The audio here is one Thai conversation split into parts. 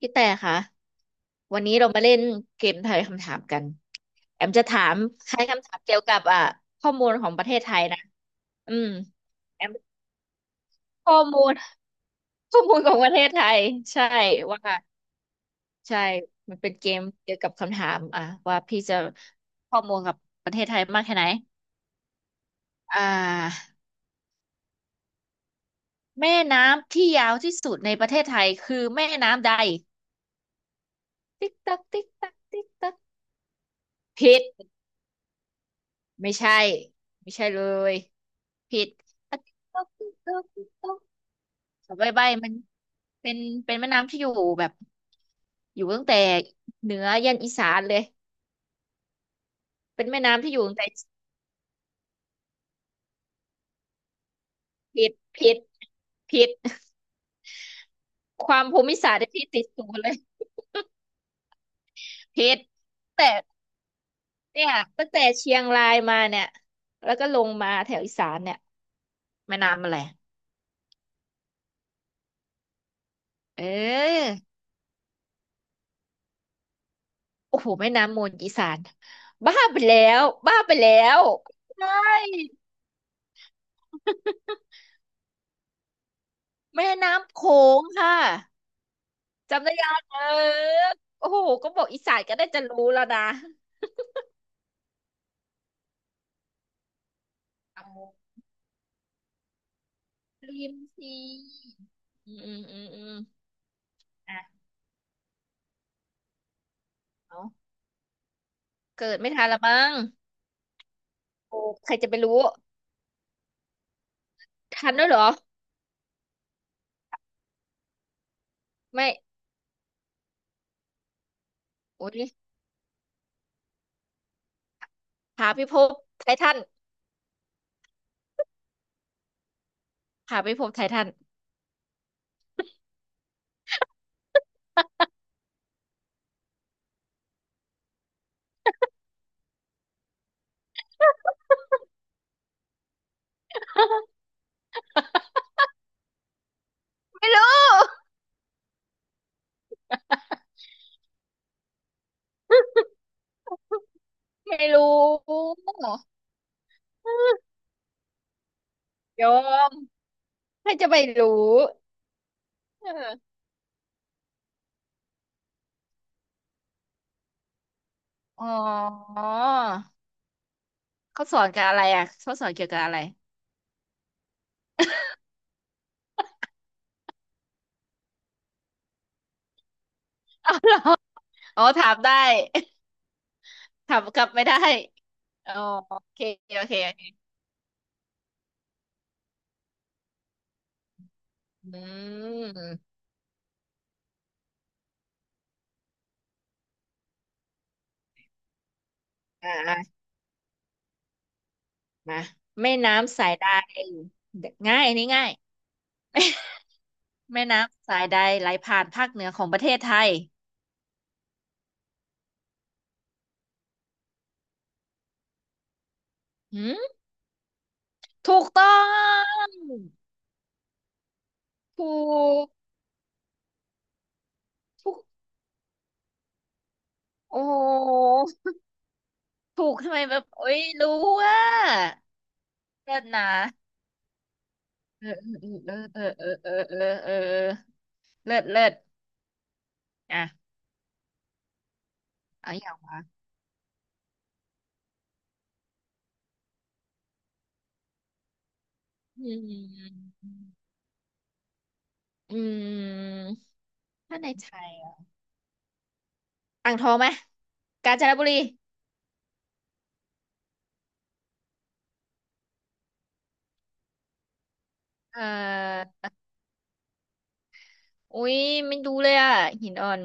พี่แต่คะวันนี้เรามาเล่นเกมทายคำถามกันแอมจะถามคล้ายคำถามเกี่ยวกับข้อมูลของประเทศไทยนะอืมแอมข้อมูล ข้อมูลของประเทศไทยใช่ว่าใช่มันเป็นเกมเกี่ยวกับคำถามว่าพี่จะข้อมูลกับประเทศไทยมากแค่ไหนอ่าแม่น้ำที่ยาวที่สุดในประเทศไทยคือแม่น้ำใดติ๊กตักติ๊กตักติ๊กตักผิด ไม่ใช่ไม่ใช่เลยผิดอะติ๊กต๊อกติ๊กต๊อกติ๊กต๊อกขอใบใบมันเป็นเป็นแม่น้ำที่อยู่แบบอยู่ตั้งแต่เหนือยันอีสานเลยเป็นแม่น้ำที่อยู่ตั้งแต่ผิดผิดผิดความภูมิศาสตร์ที่ติดศูนย์เลยผิดแต่เนี่ยตั้งแต่เชียงรายมาเนี่ยแล้วก็ลงมาแถวอีสานเนี่ยแม่น้ำอะไรเออ โอ้โหแม่น้ำมูลอีสานบ้าไปแล้วบ้าไปแล้วใช่แม่น้ำโขงค่ะจำได้ยังเออโอ้โหก็บอกอีสานก็ได้จะรู้แล้วนะเอาลืมทีอืมอืมอืมอืมอ่ะเอาเกิดไม่ทันละมั้งโอ้ใครจะไปรู้ทันด้วยเหรอไม่โอ้ยหาพิภพไททันหาพิภพไททัน ไม่รู้ไม่รู้ยอมใครจะไปรู้ เอออ๋อเขาสอนกับอะไรเขาสอนเกี่ยวกับอะไรอ๋อเหรออ๋อถามได้ ถามกลับไม่ได้อ๋อโอเคโอเคโอเคอืมอ่ามาแม่น้ำสายใดง่ายอันนี้ง่ายแม่น้ำสายใดไหลผ่านภาคเหนือของประเทศไทยหืมถูกต้องถูกถูกโอ้โหถูกทำไมแบบโอ้ยรู้ว่าเลิศนะ เออเออเออเออเออเออเออเออเลิศเลิศอ่ะเอาอย่างวะอืมอืมถ้าในไทยอ่างทองไหมกาญจนบุรีเอ่ออุ้ยไม่ดูเลยหินอ่อน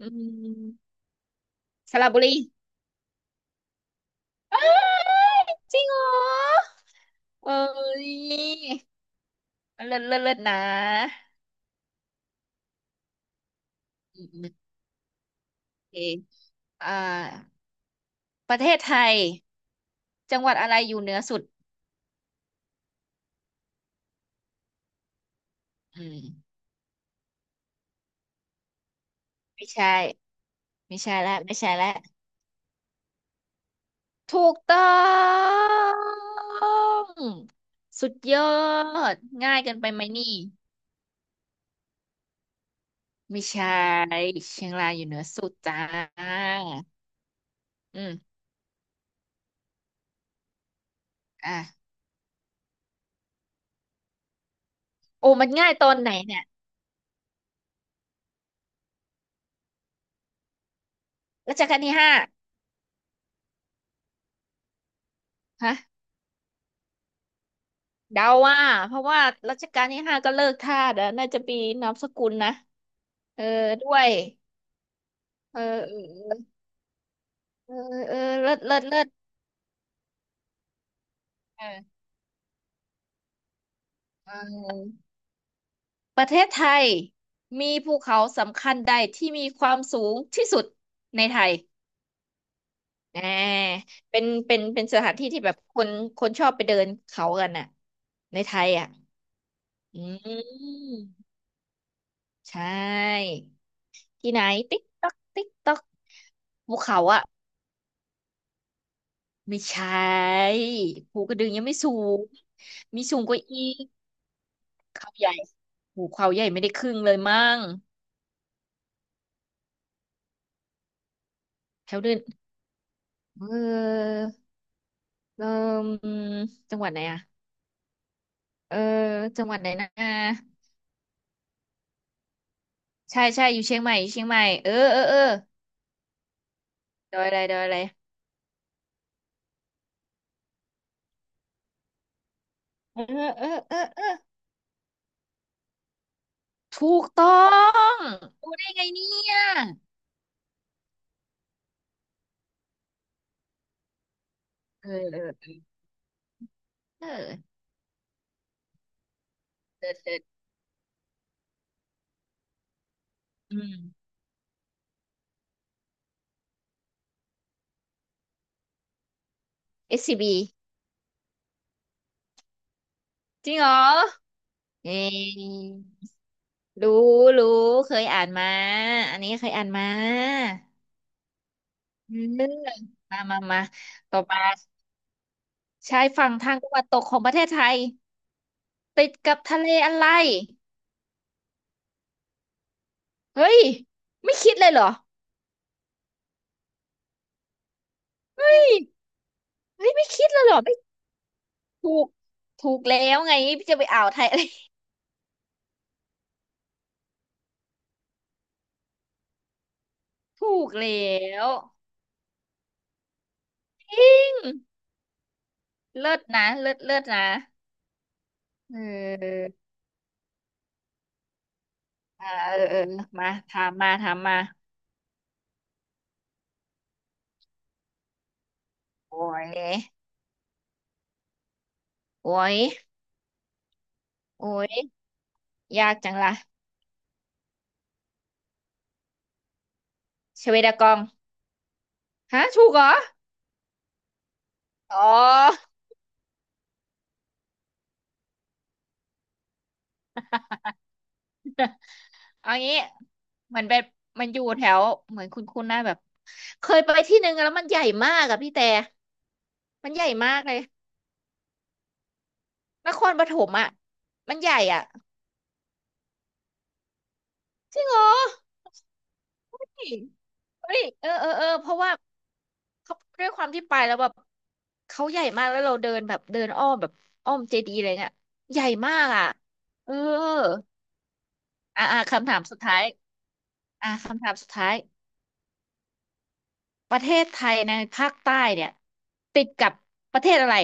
อืมสระบุรีเอ้ยจริงเหรอเอ้ยเลิศเลิศเลิศนะอืมโอเคอ่าประเทศไทยจังหวัดอะไรอยู่เหนือสุดอืมไม่ใช่ ไม่ใช่แล้วไม่ใช่แล้วถูกต้องสุดยอดง่ายเกินไปไหมนี่ไม่ใช่เชียงรายอยู่เหนือสุดจ้าอืมอ่ะโอ้มันง่ายตอนไหนเนี่ยรัชกาลที่ห้าฮะเดาว่าเพราะว่ารัชกาลที่ห้าก็เลิกทาสอะน่าจะปีนามสกุลนะเออด้วยเออเออเออเออเออเลิศเลิศเลิศเออเออ ประเทศไทยมีภูเขาสำคัญใดที่มีความสูงที่สุดในไทยอ่เป็นสถานที่ที่แบบคนชอบไปเดินเขากันน่ะในไทยอืมใช่ที่ไหนติ๊กต๊อกติ๊กต๊อกภูเขาไม่ใช่ภูกระดึงยังไม่สูงมีสูงกว่าอีกเขาใหญ่ภูเขาใหญ่ไม่ได้ครึ่งเลยมั้งแถวเดินเออเออจังหวัดไหนอะ เออจังหวัดไหนนะใช่ใช่อยู่เชียงใหม่อยู่เชียงใหม่เออเออเออดอยอะไรดอยอะไรเออเออเออเออถูกต้องรู้ได้ไงเนี่ยเออเออเออเลิศเลิศอืม SCB จริงเหรอเอ้ยรู้รู้เคยอ่านมาอันนี้เคยอ่านมาอืมมามามาต่อมาชายฝั่งทางตะวันตกของประเทศไทยติดกับทะเลอะไรเฮ้ยไม่คิดเลยเหรอ เฮ้ยไม่คิดเลยเหรอไม่ถูกถูกแล้วไงจะไปอ่าวไทยอะไร ถูกแล้วอืมเลิศนะเลิศเลิศนะเอออ่าเออเออมาถามมาถามมาโอ้ยโอ้ยโอ้ยยากจังล่ะชเวดากองฮะถูกเหรออ๋อเอางี้มันเป็นมันอยู่แถวเหมือนคุณหน้าแบบเคยไปที่หนึ่งแล้วมันใหญ่มากอะพี่แต่มันใหญ่มากเลยนครปฐมอะมันใหญ่อะจริงเหรอ เฮ้ยเฮ้ยเออเออเออเพราะว่าเขาด้วยความที่ไปแล้วแบบเขาใหญ่มากแล้วเราเดินแบบเดินอ้อมแบบอ้อมเจดีย์อะไรเงี่ยใหญ่มากเอออ่าอ่าคำถามสุดท้ายอ่าคำถามสุดท้ายประเทศไทยในภาคใต้เนี่ยติดกับประเทศอะไร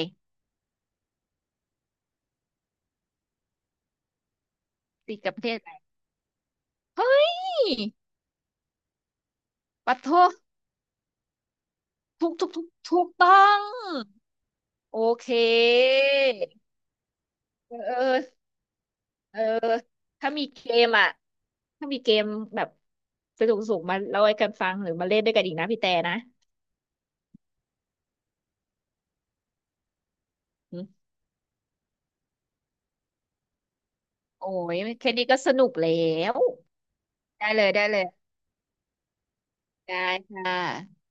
ติดกับประเทศอะไรเฮ้ยปะโทถูกถูกถูกถูกต้องโอเคเออเออ เออ ถ้ามีเกมถ้ามีเกมแบบสนุกๆมาเล่าให้กันฟังหรือมาเล่นด้วยกันอีกนะพี่แต่นะอืมโอ้ยแค่นี้ก็สนุกแล้ว ได้เลยได้เลยได้ค่ะ